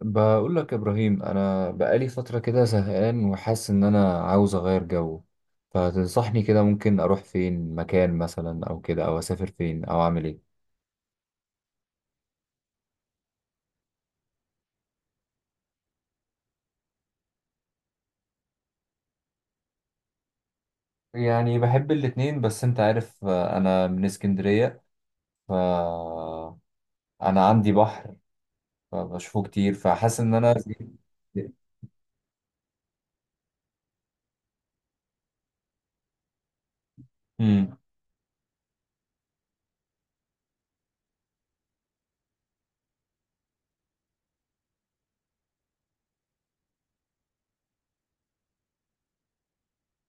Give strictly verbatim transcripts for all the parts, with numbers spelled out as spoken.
بقول لك يا ابراهيم، انا بقالي فتره كده زهقان وحاسس ان انا عاوز اغير جو. فتنصحني كده ممكن اروح فين مكان مثلا او كده، او اسافر فين، او اعمل ايه؟ يعني بحب الاتنين، بس انت عارف آه، انا من اسكندريه. ف انا عندي بحر فبشوفه كتير، فحاسس ان انا امم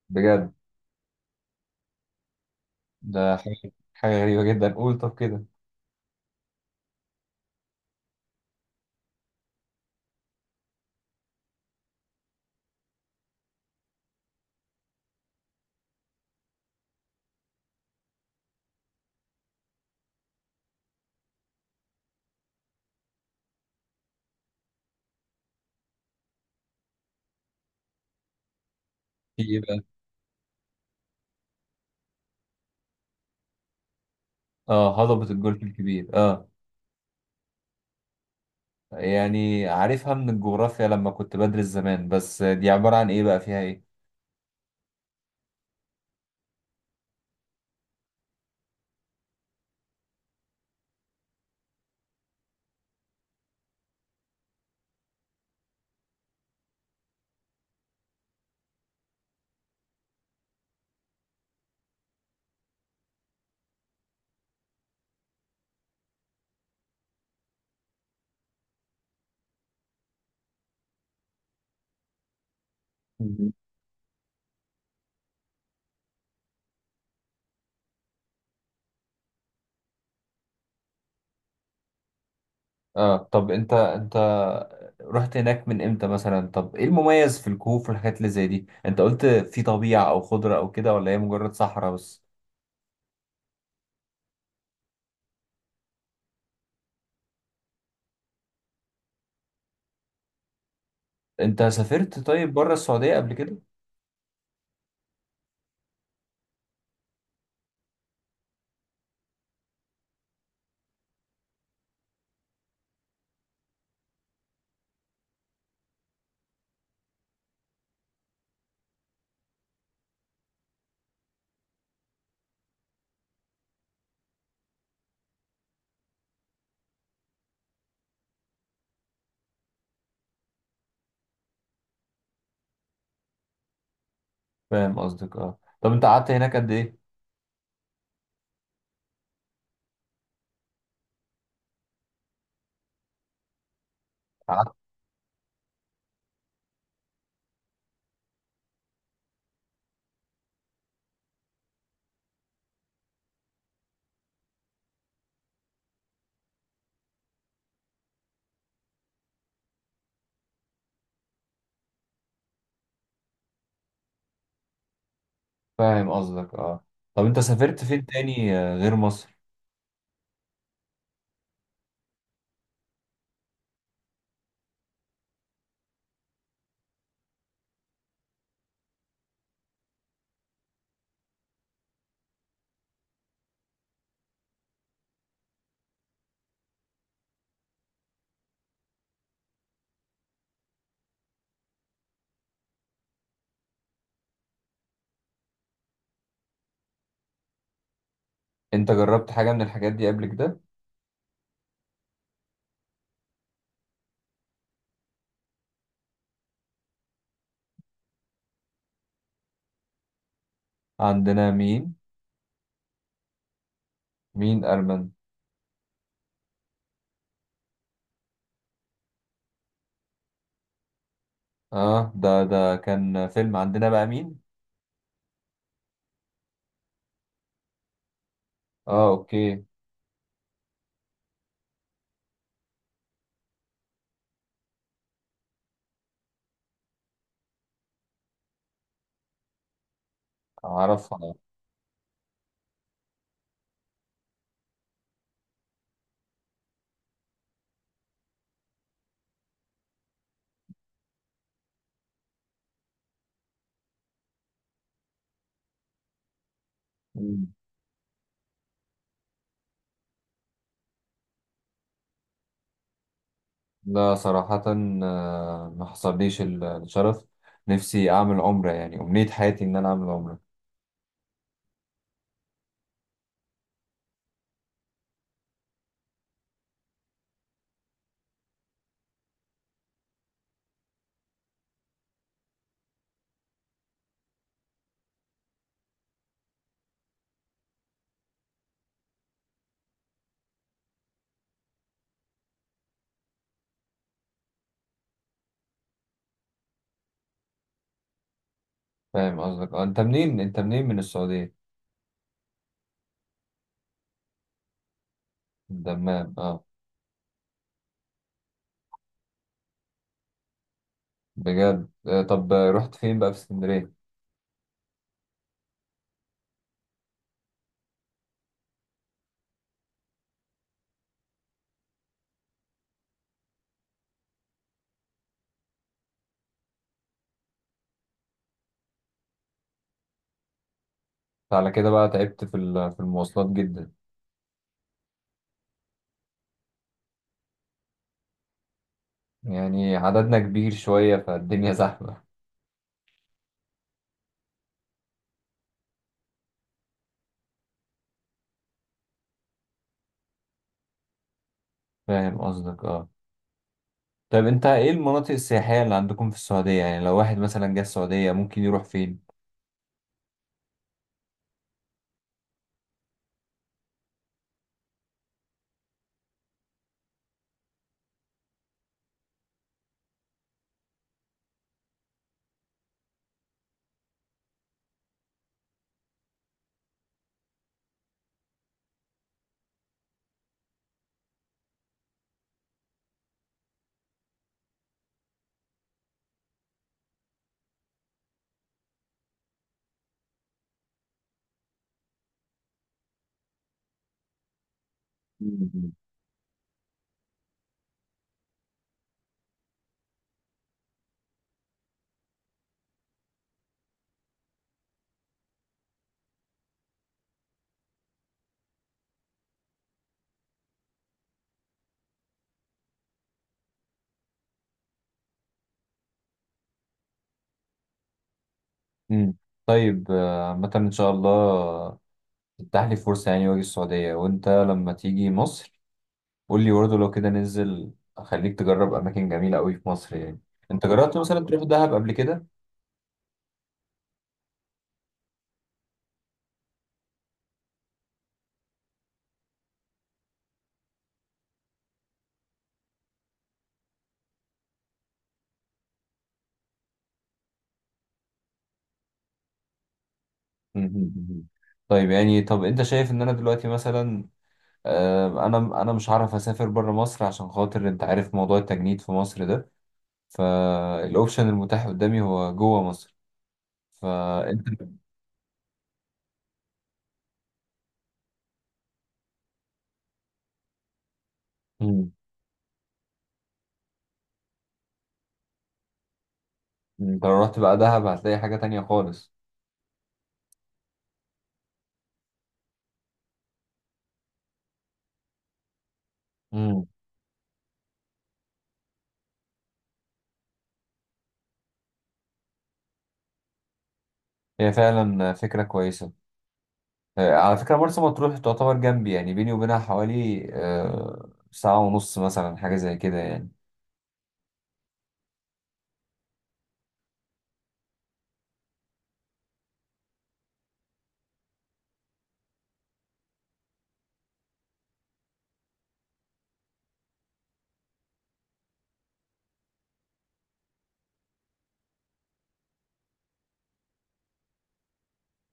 بجد؟ ده حاجه حاجة غريبه جدا. قول طب كده، في ايه بقى؟ اه، هضبه الجولف الكبير آه. يعني عارفها من الجغرافيا لما كنت بدرس زمان، بس دي عبارة عن ايه بقى؟ فيها ايه؟ مم. اه طب انت انت رحت هناك من امتى مثلا؟ طب ايه المميز في الكهوف والحاجات اللي زي دي؟ انت قلت في طبيعة او خضرة او كده، ولا هي مجرد صحراء بس؟ انت سافرت طيب بره السعودية قبل كده؟ فاهم قصدك اه. طب انت قعدت هناك قد ايه؟ قعدت فاهم قصدك اه. طب انت سافرت فين تاني آه، غير مصر؟ انت جربت حاجة من الحاجات دي قبل كده؟ عندنا مين؟ مين ارمن؟ اه، ده ده كان فيلم. عندنا بقى مين؟ اه اوكي. اعرفها. مم. لا صراحة، آه، ما حصليش ال- الشرف. نفسي اعمل عمرة، يعني امنية حياتي ان انا اعمل عمرة. فاهم قصدك اه. انت منين؟ انت منين من السعودية؟ من دمام اه. بجد آه، طب آه، رحت فين بقى في اسكندرية؟ على كده بقى تعبت في ال- في المواصلات جدا. يعني عددنا كبير شوية فالدنيا زحمة. فاهم قصدك اه. طيب انت ايه المناطق السياحية اللي عندكم في السعودية؟ يعني لو واحد مثلا جه السعودية ممكن يروح فين؟ مم. امم. طيب آه، عامة ان شاء الله تتاح لي فرصة، يعني واجي السعودية. وانت لما تيجي مصر قول لي برضه، لو كده ننزل اخليك تجرب اماكن جميلة قوي في مصر يعني. انت جربت مثلا تروح دهب قبل كده؟ مم. مم. طيب يعني، طب انت شايف ان انا دلوقتي مثلا آه، انا انا مش هعرف اسافر بره مصر عشان خاطر انت عارف موضوع التجنيد في مصر ده. فالاوبشن المتاح قدامي هو جوه مصر. فانت مم. انت لو رحت بقى دهب هتلاقي حاجة تانية خالص. مم. هي فعلا فكرة كويسة. آه، على فكرة مرسى مطروح تعتبر جنبي، يعني بيني وبينها حوالي آه، ساعة ونص مثلا، حاجة زي كده يعني.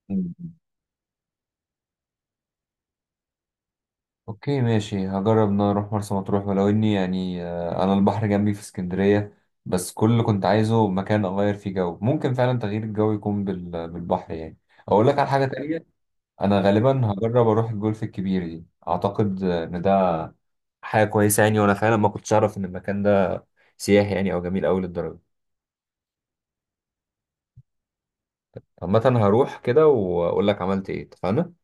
مم. اوكي ماشي، هجرب ان انا اروح مرسى مطروح، ولو اني يعني آه، انا البحر جنبي في اسكندرية. بس كل اللي كنت عايزه مكان اغير فيه جو، ممكن فعلا تغيير الجو يكون بال- بالبحر يعني. اقول لك على حاجة تانية، انا غالبا هجرب اروح الجولف الكبير دي. اعتقد ان ده حاجه كويسه يعني، وانا فعلا ما كنتش اعرف ان المكان ده سياحي يعني، او جميل قوي للدرجه. عامه هروح كده واقول لك عملت ايه، اتفقنا؟